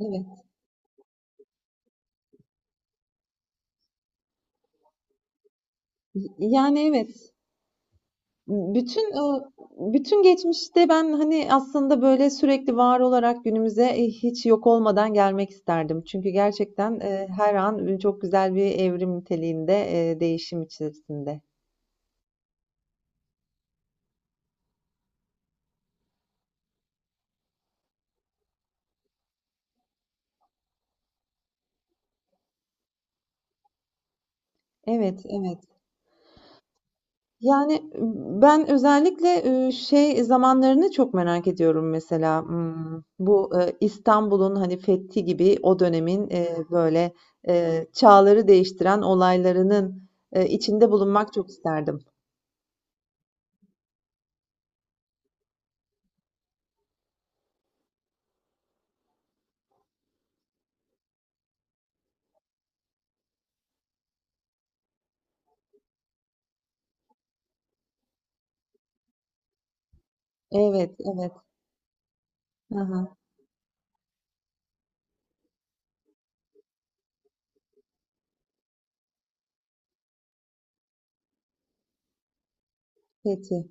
Evet. Yani evet. Bütün, ııı, bütün geçmişte ben, hani, aslında, böyle, sürekli var olarak günümüze, hiç yok olmadan gelmek isterdim. Çünkü gerçekten, her an, çok güzel bir evrim niteliğinde, değişim içerisinde. Evet, evet. Yani, ben özellikle, şey zamanlarını çok merak ediyorum mesela, bu, İstanbul'un, hani, fethi gibi o dönemin, böyle, çağları değiştiren olaylarının, içinde bulunmak çok isterdim. Evet, evet. Hı. Peki.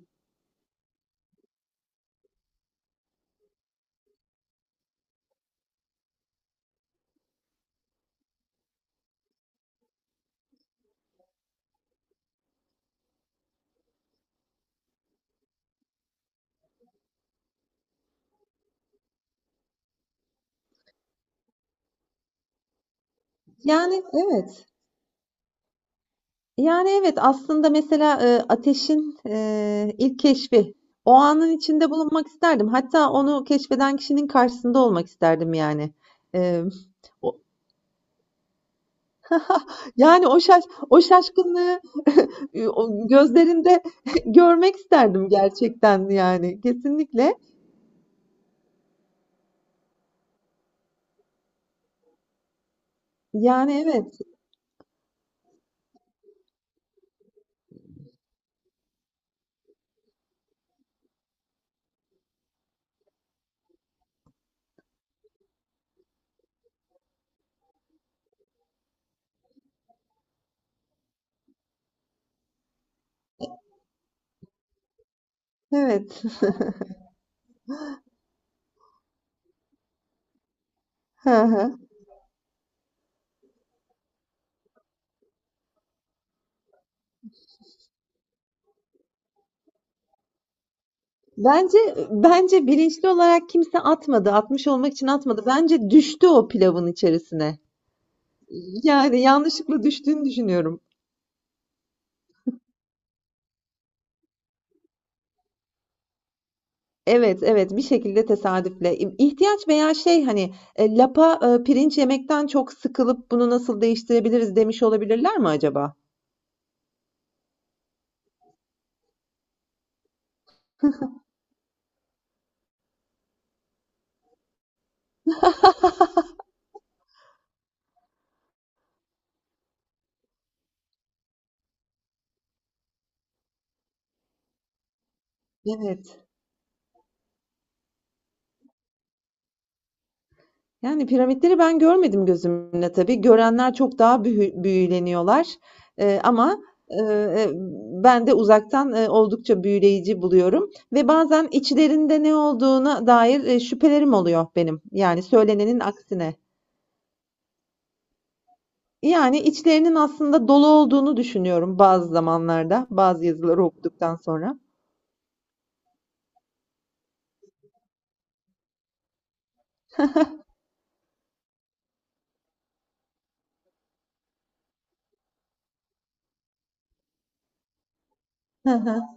Yani evet. Yani evet aslında mesela ateşin ilk keşfi. O anın içinde bulunmak isterdim. Hatta onu keşfeden kişinin karşısında olmak isterdim yani. E, o- yani o şaşkınlığı o gözlerinde görmek isterdim gerçekten yani kesinlikle. Yani evet, evet. Hı hı. Bence bence bilinçli olarak kimse atmadı. Atmış olmak için atmadı. Bence düştü o pilavın içerisine. Yani yanlışlıkla düştüğünü düşünüyorum. Evet, evet bir şekilde tesadüfle. İhtiyaç veya şey hani lapa pirinç yemekten çok sıkılıp bunu nasıl değiştirebiliriz demiş olabilirler mi acaba? Evet. Yani piramitleri ben görmedim gözümle tabii. Görenler çok daha büyüleniyorlar. Ama e, e, ben de uzaktan oldukça büyüleyici buluyorum. Ve bazen içlerinde ne olduğuna dair şüphelerim oluyor benim. Yani söylenenin aksine. Yani içlerinin aslında dolu olduğunu düşünüyorum bazı zamanlarda, bazı yazıları okuduktan sonra. Hı hı.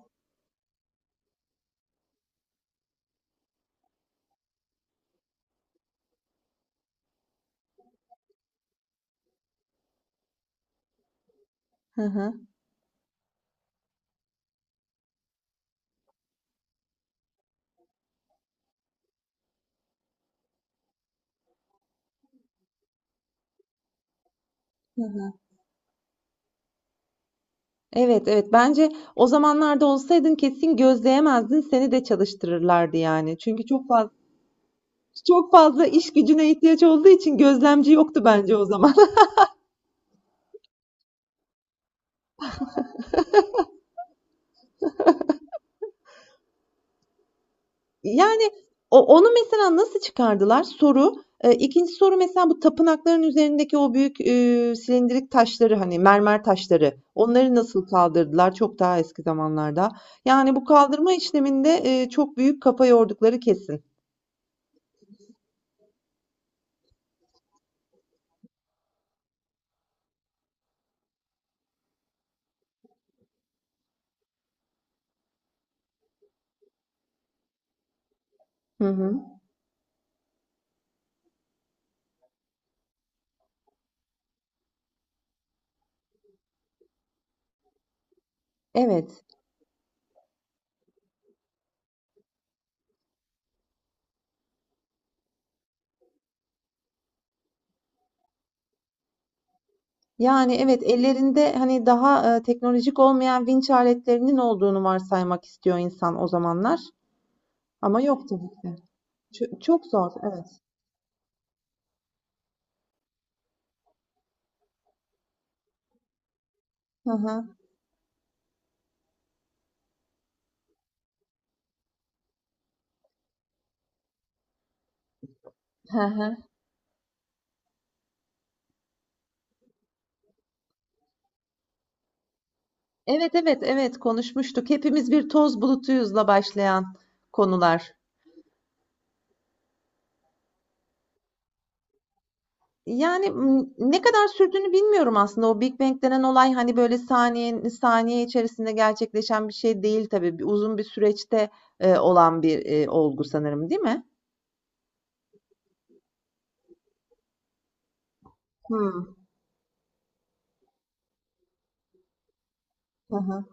Hı hı. Hı hı. Evet, evet. Bence o zamanlarda olsaydın kesin gözleyemezdin. Seni de çalıştırırlardı yani. Çünkü çok fazla iş gücüne ihtiyaç olduğu için gözlemci yoktu bence o zaman. Yani, onu mesela nasıl çıkardılar? Soru. 2'nci soru mesela bu tapınakların üzerindeki o büyük, silindirik taşları, hani, mermer taşları, onları nasıl kaldırdılar çok daha eski zamanlarda? Yani, bu kaldırma işleminde, çok büyük kafa yordukları kesin. Hı hı. Evet. Yani, evet, ellerinde, hani, daha, teknolojik olmayan vinç aletlerinin olduğunu varsaymak istiyor insan o zamanlar ama yok tabii ki. Çok zor, evet. Hı hı. Hı hı. Evet, evet, evet konuşmuştuk. Hepimiz bir toz bulutuyuzla başlayan konular. Yani, ne kadar sürdüğünü bilmiyorum aslında. O Big Bang denen olay hani böyle saniye saniye içerisinde gerçekleşen bir şey değil tabii. Uzun bir süreçte olan bir olgu sanırım, değil mi? Hmm. Hı hı.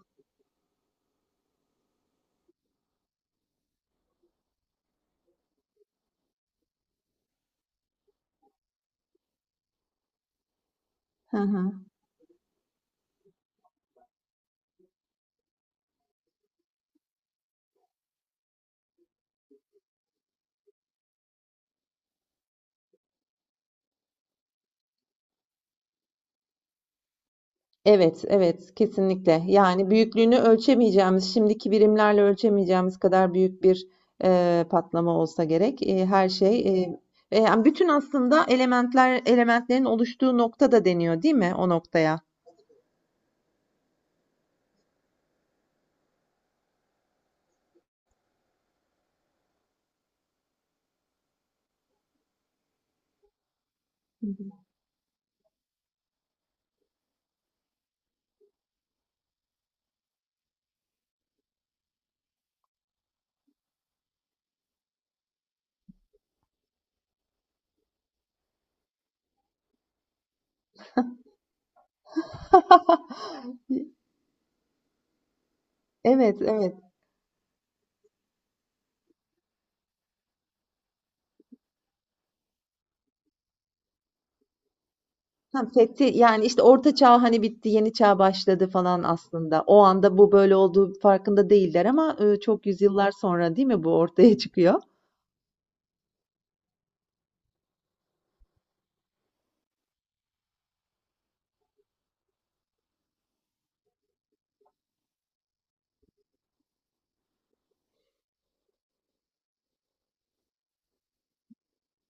Hı hı. Evet, evet, kesinlikle. Yani büyüklüğünü ölçemeyeceğimiz, şimdiki birimlerle ölçemeyeceğimiz kadar büyük bir patlama olsa gerek. Her şey, yani bütün aslında elementler, elementlerin oluştuğu nokta da deniyor, değil mi? O noktaya. Evet, evet. Ha, fethi, yani işte orta çağ hani bitti, yeni çağ başladı falan aslında. O anda bu böyle olduğu farkında değiller ama çok yüzyıllar sonra değil mi bu ortaya çıkıyor?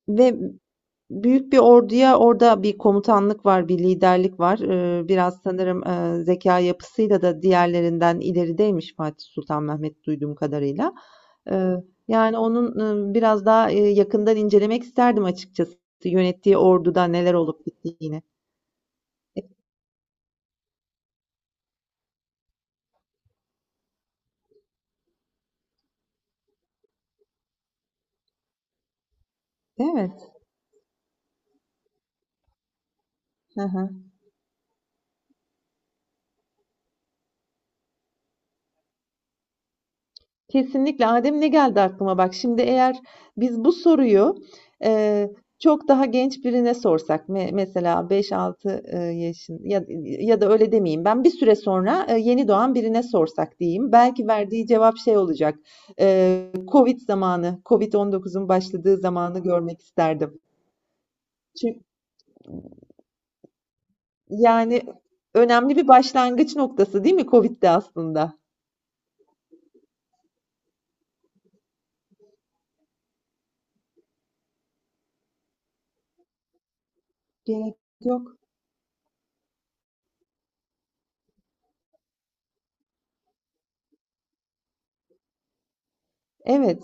Ve büyük bir orduya orada bir komutanlık var, bir liderlik var. Biraz sanırım zekâ yapısıyla da diğerlerinden ilerideymiş Fatih Sultan Mehmet duyduğum kadarıyla. Yani onun biraz daha yakından incelemek isterdim açıkçası yönettiği orduda neler olup bittiğini. E, Evet. Hı hı. Kesinlikle. Adem ne geldi aklıma bak. Şimdi eğer biz bu soruyu, eee, çok daha genç birine sorsak mesela beş altı yaşın ya ya da öyle demeyeyim ben, bir süre sonra, yeni doğan birine sorsak diyeyim, belki verdiği cevap şey olacak, COVID zamanı, COVID-19'un başladığı zamanı görmek isterdim. Çünkü yani önemli bir başlangıç noktası değil mi COVID de aslında? Gerek yok. Evet.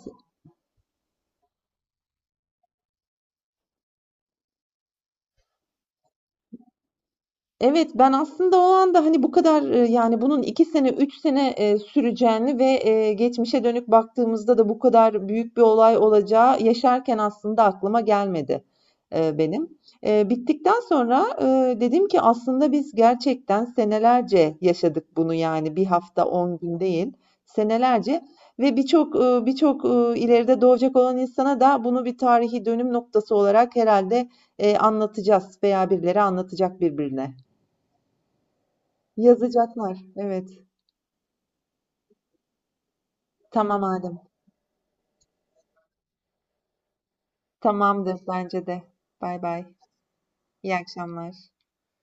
Evet, ben aslında o anda, hani, bu kadar, yani, bunun 2 sene, 3 sene, süreceğini ve, geçmişe dönük baktığımızda da bu kadar büyük bir olay olacağı yaşarken aslında aklıma gelmedi, benim. Bittikten sonra, dedim ki aslında biz gerçekten senelerce yaşadık bunu, yani, bir hafta, 10 gün değil, senelerce ve birçok, ileride doğacak olan insana da bunu bir tarihi dönüm noktası olarak herhalde anlatacağız veya birileri anlatacak birbirine. Yazacaklar. Evet. Tamam Adem. Tamamdır bence de. Bay bay. İyi akşamlar.